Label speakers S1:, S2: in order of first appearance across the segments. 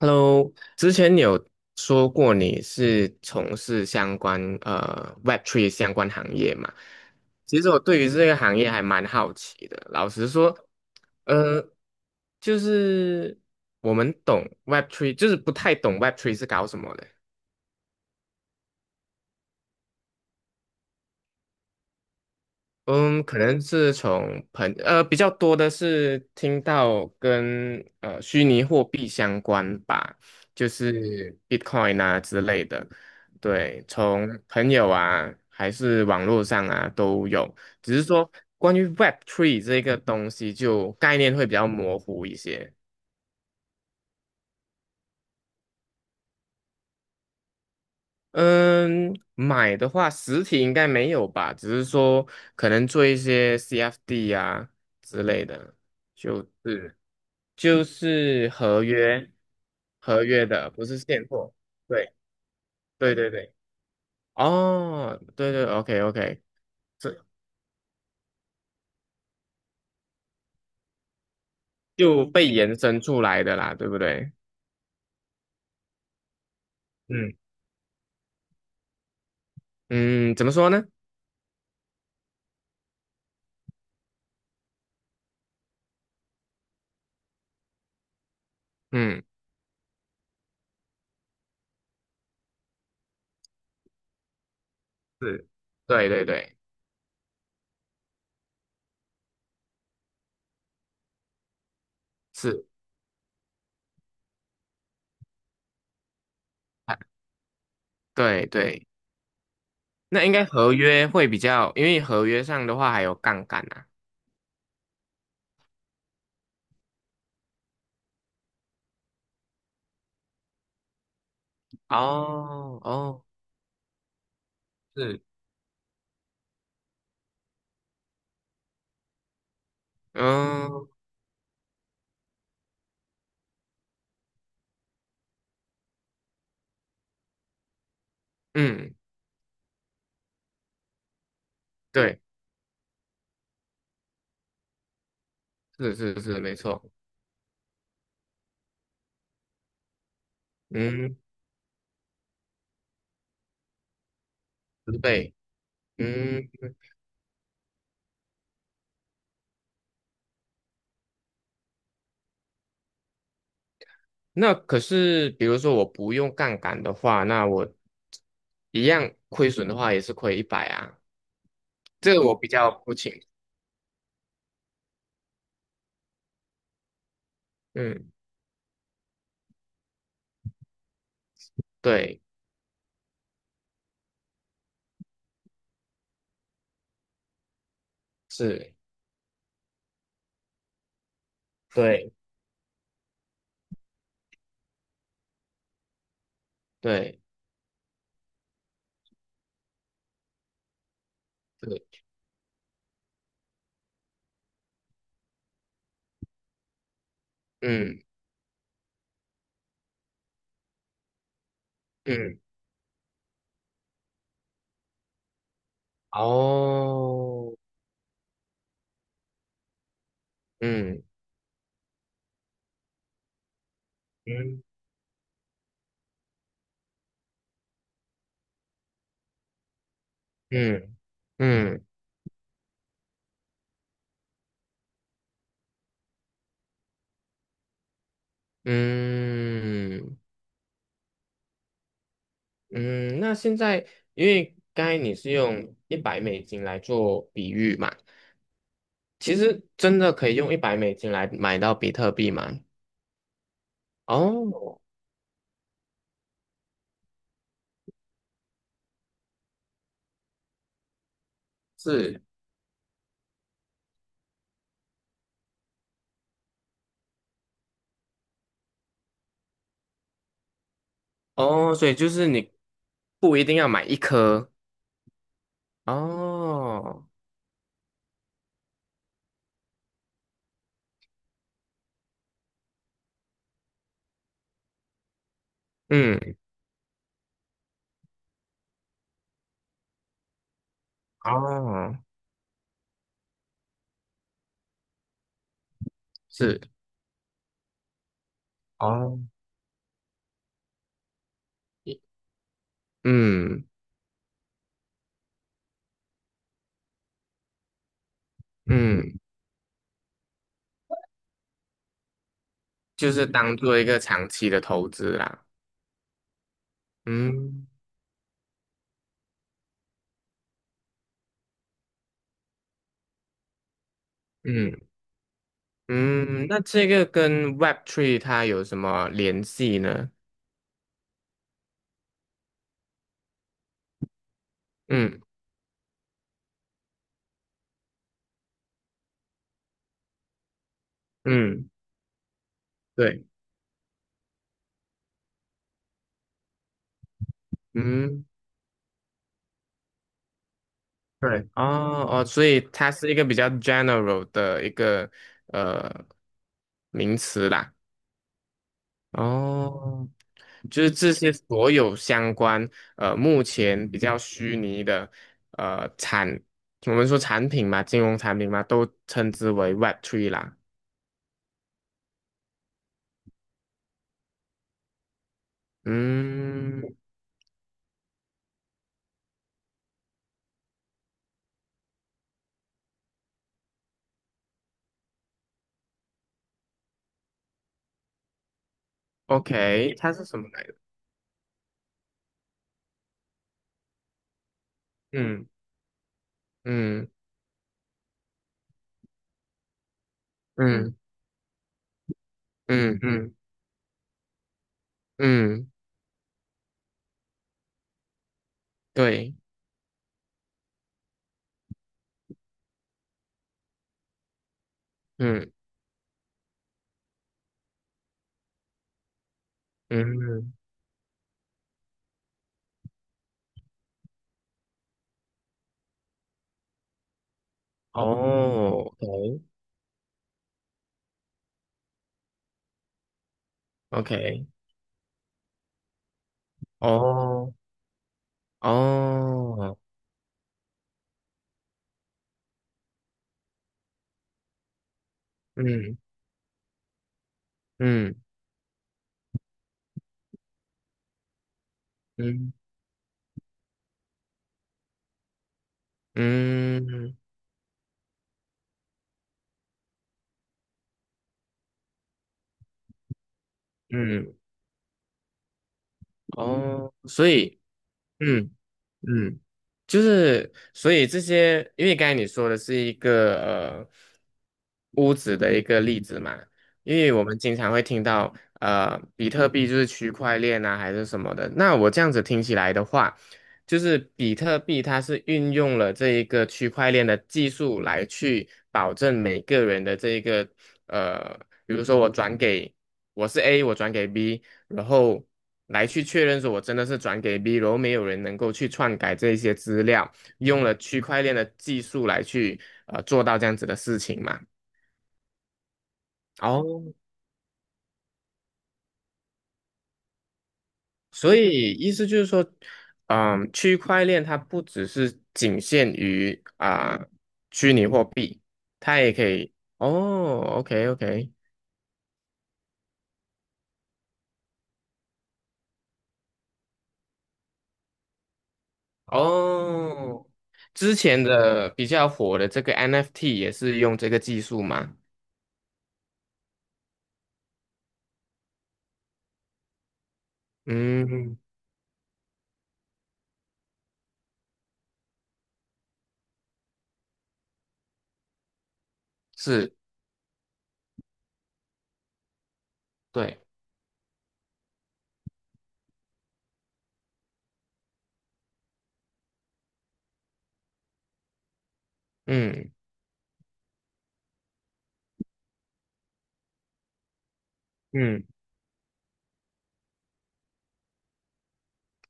S1: Hello，之前你有说过你是从事相关Web3 相关行业嘛？其实我对于这个行业还蛮好奇的。老实说，呃，就是我们懂 Web3，就是不太懂 Web3 是搞什么的。嗯，可能是从比较多的是听到跟虚拟货币相关吧，就是 Bitcoin 啊之类的。对，从朋友啊还是网络上啊都有，只是说关于 Web3 这个东西就概念会比较模糊一些。嗯，买的话实体应该没有吧，只是说可能做一些 CFD 啊之类的，就是。就是合约，合约的，不是现货。对，对对对。哦，对对，OK OK，这就被延伸出来的啦，对不对？嗯嗯，怎么说呢？嗯，是，对对对，是，啊，对对。那应该合约会比较，因为合约上的话还有杠杆啊。哦哦，是，嗯嗯，对，是是是，没错。嗯，对，嗯。那可是比如说我不用杠杆的话，那我一样亏损的话也是亏一百啊，这个我比较不清。嗯，对，是，对，对，对，嗯嗯，哦，嗯嗯嗯嗯嗯嗯，那现在因为刚才你是用一百美金来做比喻嘛，其实真的可以用一百美金来买到比特币吗？哦，是。哦，所以就是你不一定要买一颗哦，嗯，哦，是哦，一嗯嗯，就是当做一个长期的投资啦，嗯嗯嗯，那这个跟 Web3 它有什么联系呢？嗯嗯，对，嗯对，哦哦，所以它是一个比较 general 的一个呃名词啦。哦，就是这些所有相关，目前比较虚拟的，呃，产，我们说产品嘛，金融产品嘛，都称之为 w e b Three 啦。嗯，OK，它是什么来着？嗯嗯嗯嗯嗯嗯，对，嗯嗯，哦，OK OK，哦哦，嗯嗯嗯嗯嗯，哦，所以。嗯嗯，就是所以这些，因为刚才你说的是一个屋子的一个例子嘛，因为我们经常会听到比特币就是区块链啊还是什么的，那我这样子听起来的话，就是比特币它是运用了这一个区块链的技术来去保证每个人的这一个呃，比如说我转给。我是 A，我转给 B，然后来去确认说我真的是转给 B，然后没有人能够去篡改这些资料，用了区块链的技术来去做到这样子的事情嘛。哦，所以意思就是说，嗯，区块链它不只是仅限于啊、虚拟货币，它也可以哦，OK OK，哦，之前的比较火的这个 NFT 也是用这个技术嘛，嗯是，对，嗯嗯，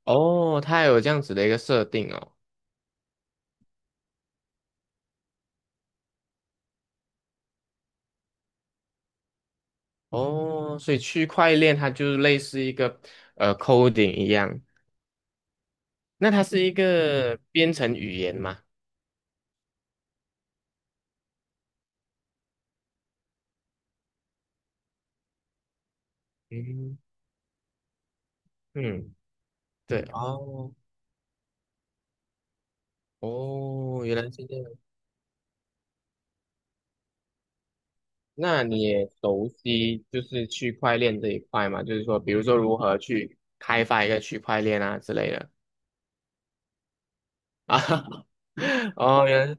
S1: 哦，它有这样子的一个设定哦，哦，所以区块链它就是类似一个coding 一样，那它是一个编程语言嘛？嗯嗯，对，哦哦，原来是这样。那你也熟悉就是区块链这一块嘛？就是说，比如说如何去开发一个区块链啊之类的啊？哦，原来是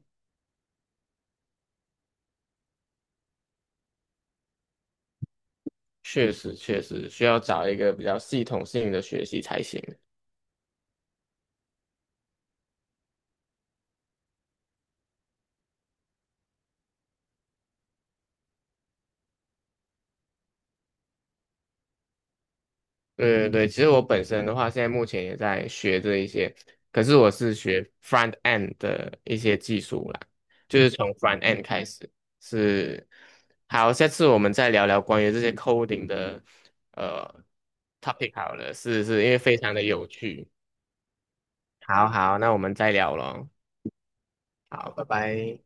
S1: 确实，确实需要找一个比较系统性的学习才行。对对对，其实我本身的话，现在目前也在学这一些，可是我是学 front end 的一些技术啦，就是从 front end 开始。是，好，下次我们再聊聊关于这些 coding 的呃 topic 好了，是是，因为非常的有趣。好好，那我们再聊咯。好，拜拜。